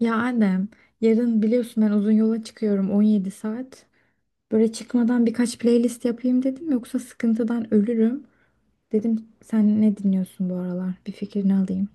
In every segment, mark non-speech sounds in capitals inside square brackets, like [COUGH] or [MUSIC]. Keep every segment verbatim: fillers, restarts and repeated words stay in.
Ya Adem, yarın biliyorsun ben uzun yola çıkıyorum on yedi saat. Böyle çıkmadan birkaç playlist yapayım dedim yoksa sıkıntıdan ölürüm. Dedim sen ne dinliyorsun bu aralar? Bir fikrini alayım.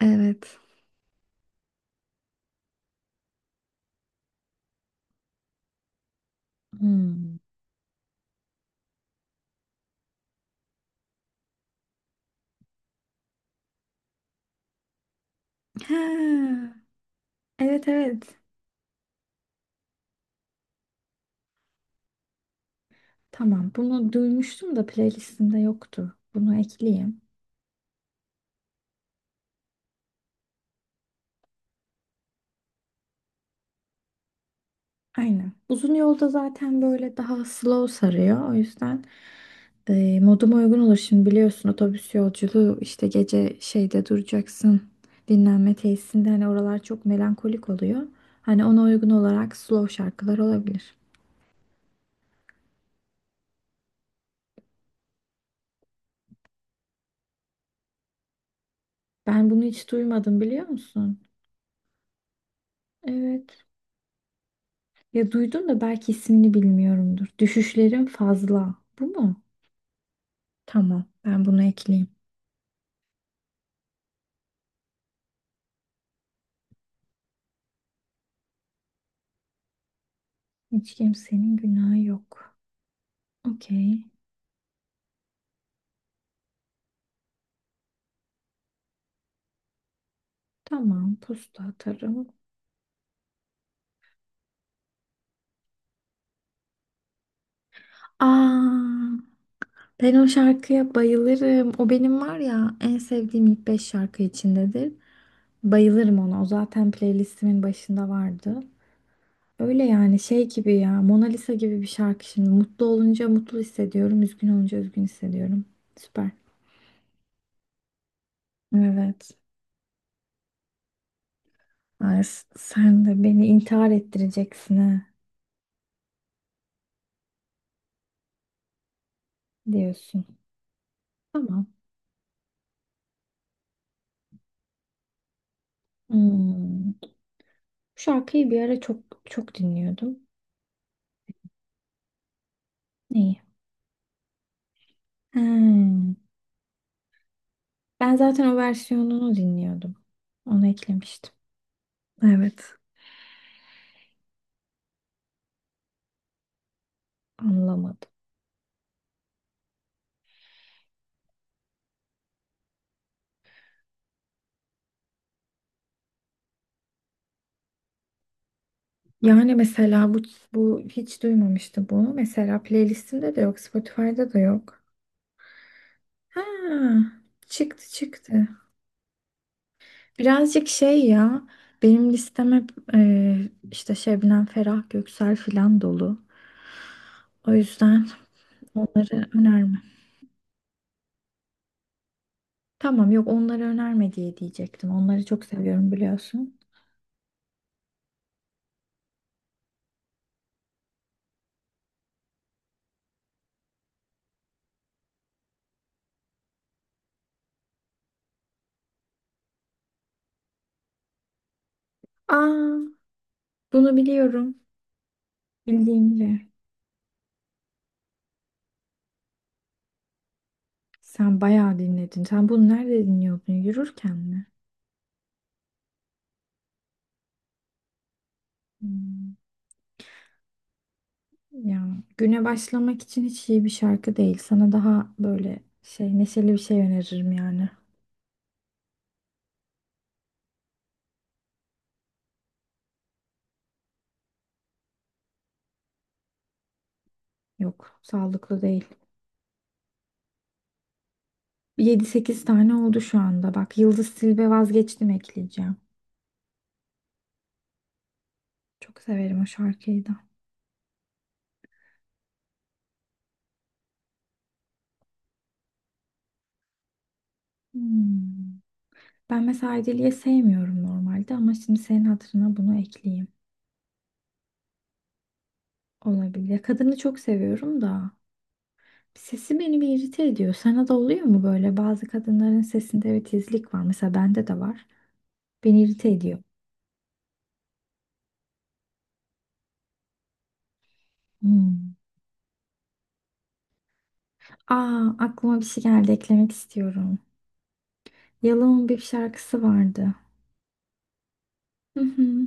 Evet. Hmm. Ha, evet evet. Tamam bunu duymuştum da playlistimde yoktu. Bunu ekleyeyim. Aynen. Uzun yolda zaten böyle daha slow sarıyor. O yüzden e, moduma uygun olur. Şimdi biliyorsun otobüs yolculuğu işte gece şeyde duracaksın. Dinlenme tesisinde hani oralar çok melankolik oluyor. Hani ona uygun olarak slow şarkılar olabilir. Ben bunu hiç duymadım biliyor musun? Evet. Ya duydum da belki ismini bilmiyorumdur. Düşüşlerin fazla. Bu mu? Tamam. Ben bunu ekleyeyim. Hiç kimsenin günahı yok. Okey. Tamam, posta atarım. Aa, ben o şarkıya bayılırım. O benim var ya en sevdiğim ilk beş şarkı içindedir. Bayılırım ona. O zaten playlistimin başında vardı. Öyle yani şey gibi ya Mona Lisa gibi bir şarkı şimdi. Mutlu olunca mutlu hissediyorum. Üzgün olunca üzgün hissediyorum. Süper. Evet. Ay, s- sen de beni intihar ettireceksin ha diyorsun. Tamam. Hmm. Bu şarkıyı bir ara çok çok dinliyordum. Neyi? He. Ben zaten o versiyonunu dinliyordum. Onu eklemiştim. Evet. Anlamadım. Yani mesela bu bu hiç duymamıştı. Bu mesela playlistimde de yok, Spotify'da da yok. Ha, çıktı çıktı. Birazcık şey ya, benim listem hep e, işte Şebnem Ferah, Göksel filan dolu. O yüzden onları önerme. Tamam yok onları önerme diye diyecektim. Onları çok seviyorum biliyorsun. Aa, bunu biliyorum. Bildiğimde. Sen bayağı dinledin. Sen bunu nerede dinliyordun? Yürürken mi? Hmm. Ya güne başlamak için hiç iyi bir şarkı değil. Sana daha böyle şey neşeli bir şey öneririm yani. Yok, sağlıklı değil. Yedi sekiz tane oldu şu anda. Bak Yıldız Tilbe vazgeçtim ekleyeceğim. Çok severim o şarkıyı da. Hmm. Ben mesela Edili'yi sevmiyorum normalde ama şimdi senin hatırına bunu ekleyeyim. Olabilir. Ya kadını çok seviyorum da. Sesi beni bir irite ediyor. Sana da oluyor mu böyle? Bazı kadınların sesinde bir tizlik var. Mesela bende de var. Beni irite ediyor. Hmm. Aa, aklıma bir şey geldi. Eklemek istiyorum. Yalom'un bir şarkısı vardı. Hı hı.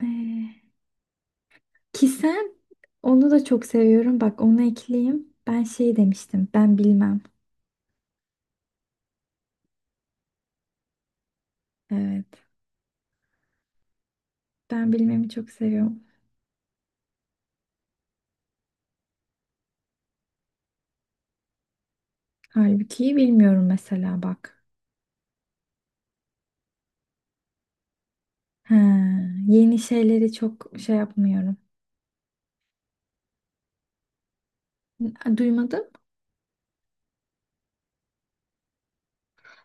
Ee, ki sen onu da çok seviyorum. Bak onu ekleyeyim. Ben şey demiştim. Ben bilmem. Evet. Ben bilmemi çok seviyorum. Halbuki bilmiyorum mesela bak. Ha, yeni şeyleri çok şey yapmıyorum. Duymadım.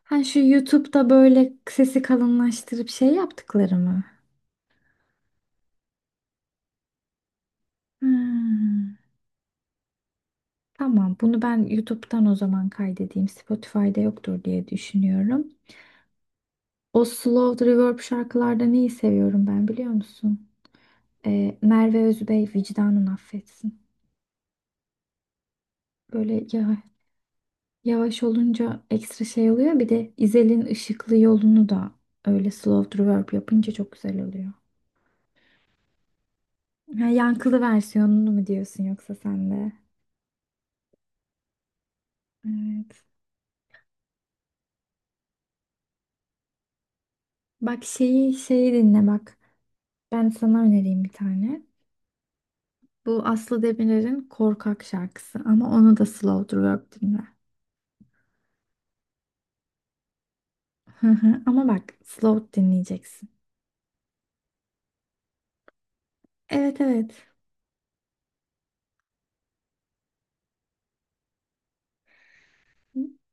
Ha şu YouTube'da böyle sesi kalınlaştırıp şey yaptıkları mı? Hmm. Tamam, bunu ben YouTube'dan o zaman kaydedeyim. Spotify'da yoktur diye düşünüyorum. O slow reverb şarkılarda neyi seviyorum ben biliyor musun? Ee, Merve Özbey vicdanın affetsin. Böyle ya, yavaş olunca ekstra şey oluyor. Bir de İzel'in Işıklı yolunu da öyle slow reverb yapınca çok güzel oluyor. Ha, yankılı versiyonunu mu diyorsun yoksa sen de? Evet. Bak şeyi şeyi dinle bak. Ben sana önereyim bir tane. Bu Aslı Demirer'in Korkak şarkısı ama onu da slow twerk dinle. Hı hı. Ama bak slow dinleyeceksin. Evet evet.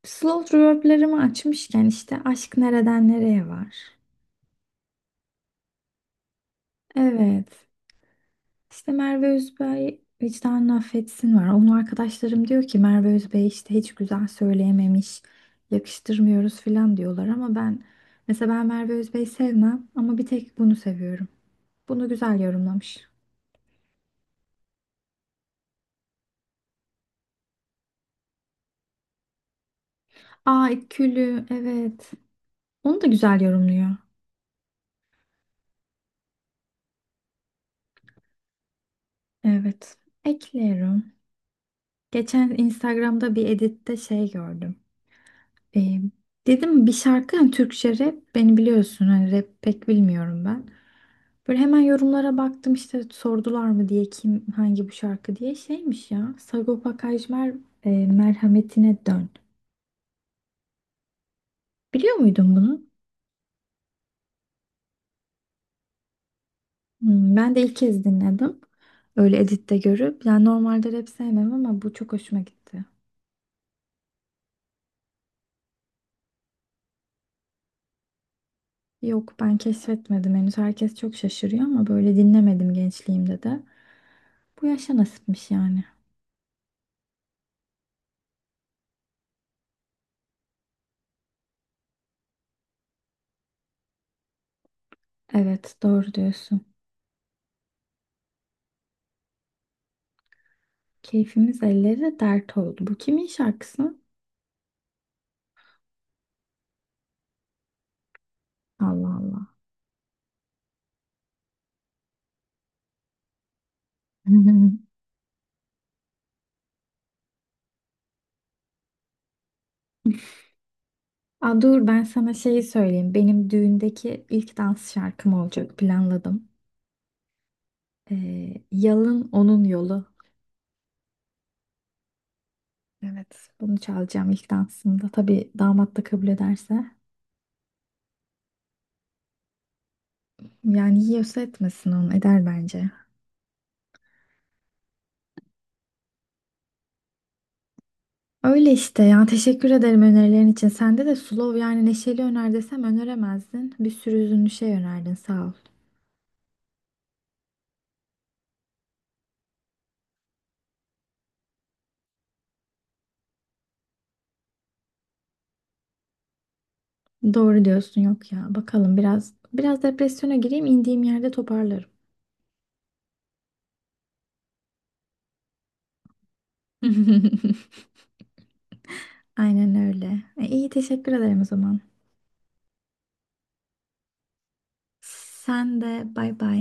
Slow reverb'lerimi açmışken işte Aşk Nereden Nereye var. Evet. İşte Merve Özbey vicdanını affetsin var. Onun arkadaşlarım diyor ki Merve Özbey işte hiç güzel söyleyememiş, yakıştırmıyoruz filan diyorlar ama ben mesela ben Merve Özbey sevmem ama bir tek bunu seviyorum. Bunu güzel yorumlamış. Aa Külü evet. Onu da güzel yorumluyor. Evet. Ekliyorum. Geçen Instagram'da bir editte şey gördüm. Ee, dedim bir şarkı hani Türkçe rap beni biliyorsun hani rap pek bilmiyorum ben. Böyle hemen yorumlara baktım işte sordular mı diye kim hangi bu şarkı diye şeymiş ya. Sagopa Kajmer e, Merhametine Dön. Biliyor muydun bunu? Hmm, ben de ilk kez dinledim. Öyle editte görüp. Yani normalde rap sevmem ama bu çok hoşuma gitti. Yok ben keşfetmedim henüz. Herkes çok şaşırıyor ama böyle dinlemedim gençliğimde de. Bu yaşa nasipmiş yani. Evet doğru diyorsun. Keyfimiz ellere dert oldu. Bu kimin şarkısı? Allah Allah. [LAUGHS] Aa, dur ben sana şeyi söyleyeyim. Benim düğündeki ilk dans şarkım olacak planladım. Ee, Yalın Onun Yolu. Evet bunu çalacağım ilk dansımda. Tabii damat da kabul ederse. Yani yiyorsa etmesin onu eder bence. Öyle işte ya teşekkür ederim önerilerin için. Sende de slow yani neşeli öner desem öneremezdin. Bir sürü üzünlü şey önerdin sağ ol. Doğru diyorsun yok ya. Bakalım biraz biraz depresyona gireyim indiğim yerde toparlarım. [LAUGHS] Aynen öyle. E, iyi teşekkür ederim o zaman. Sen de bay bay.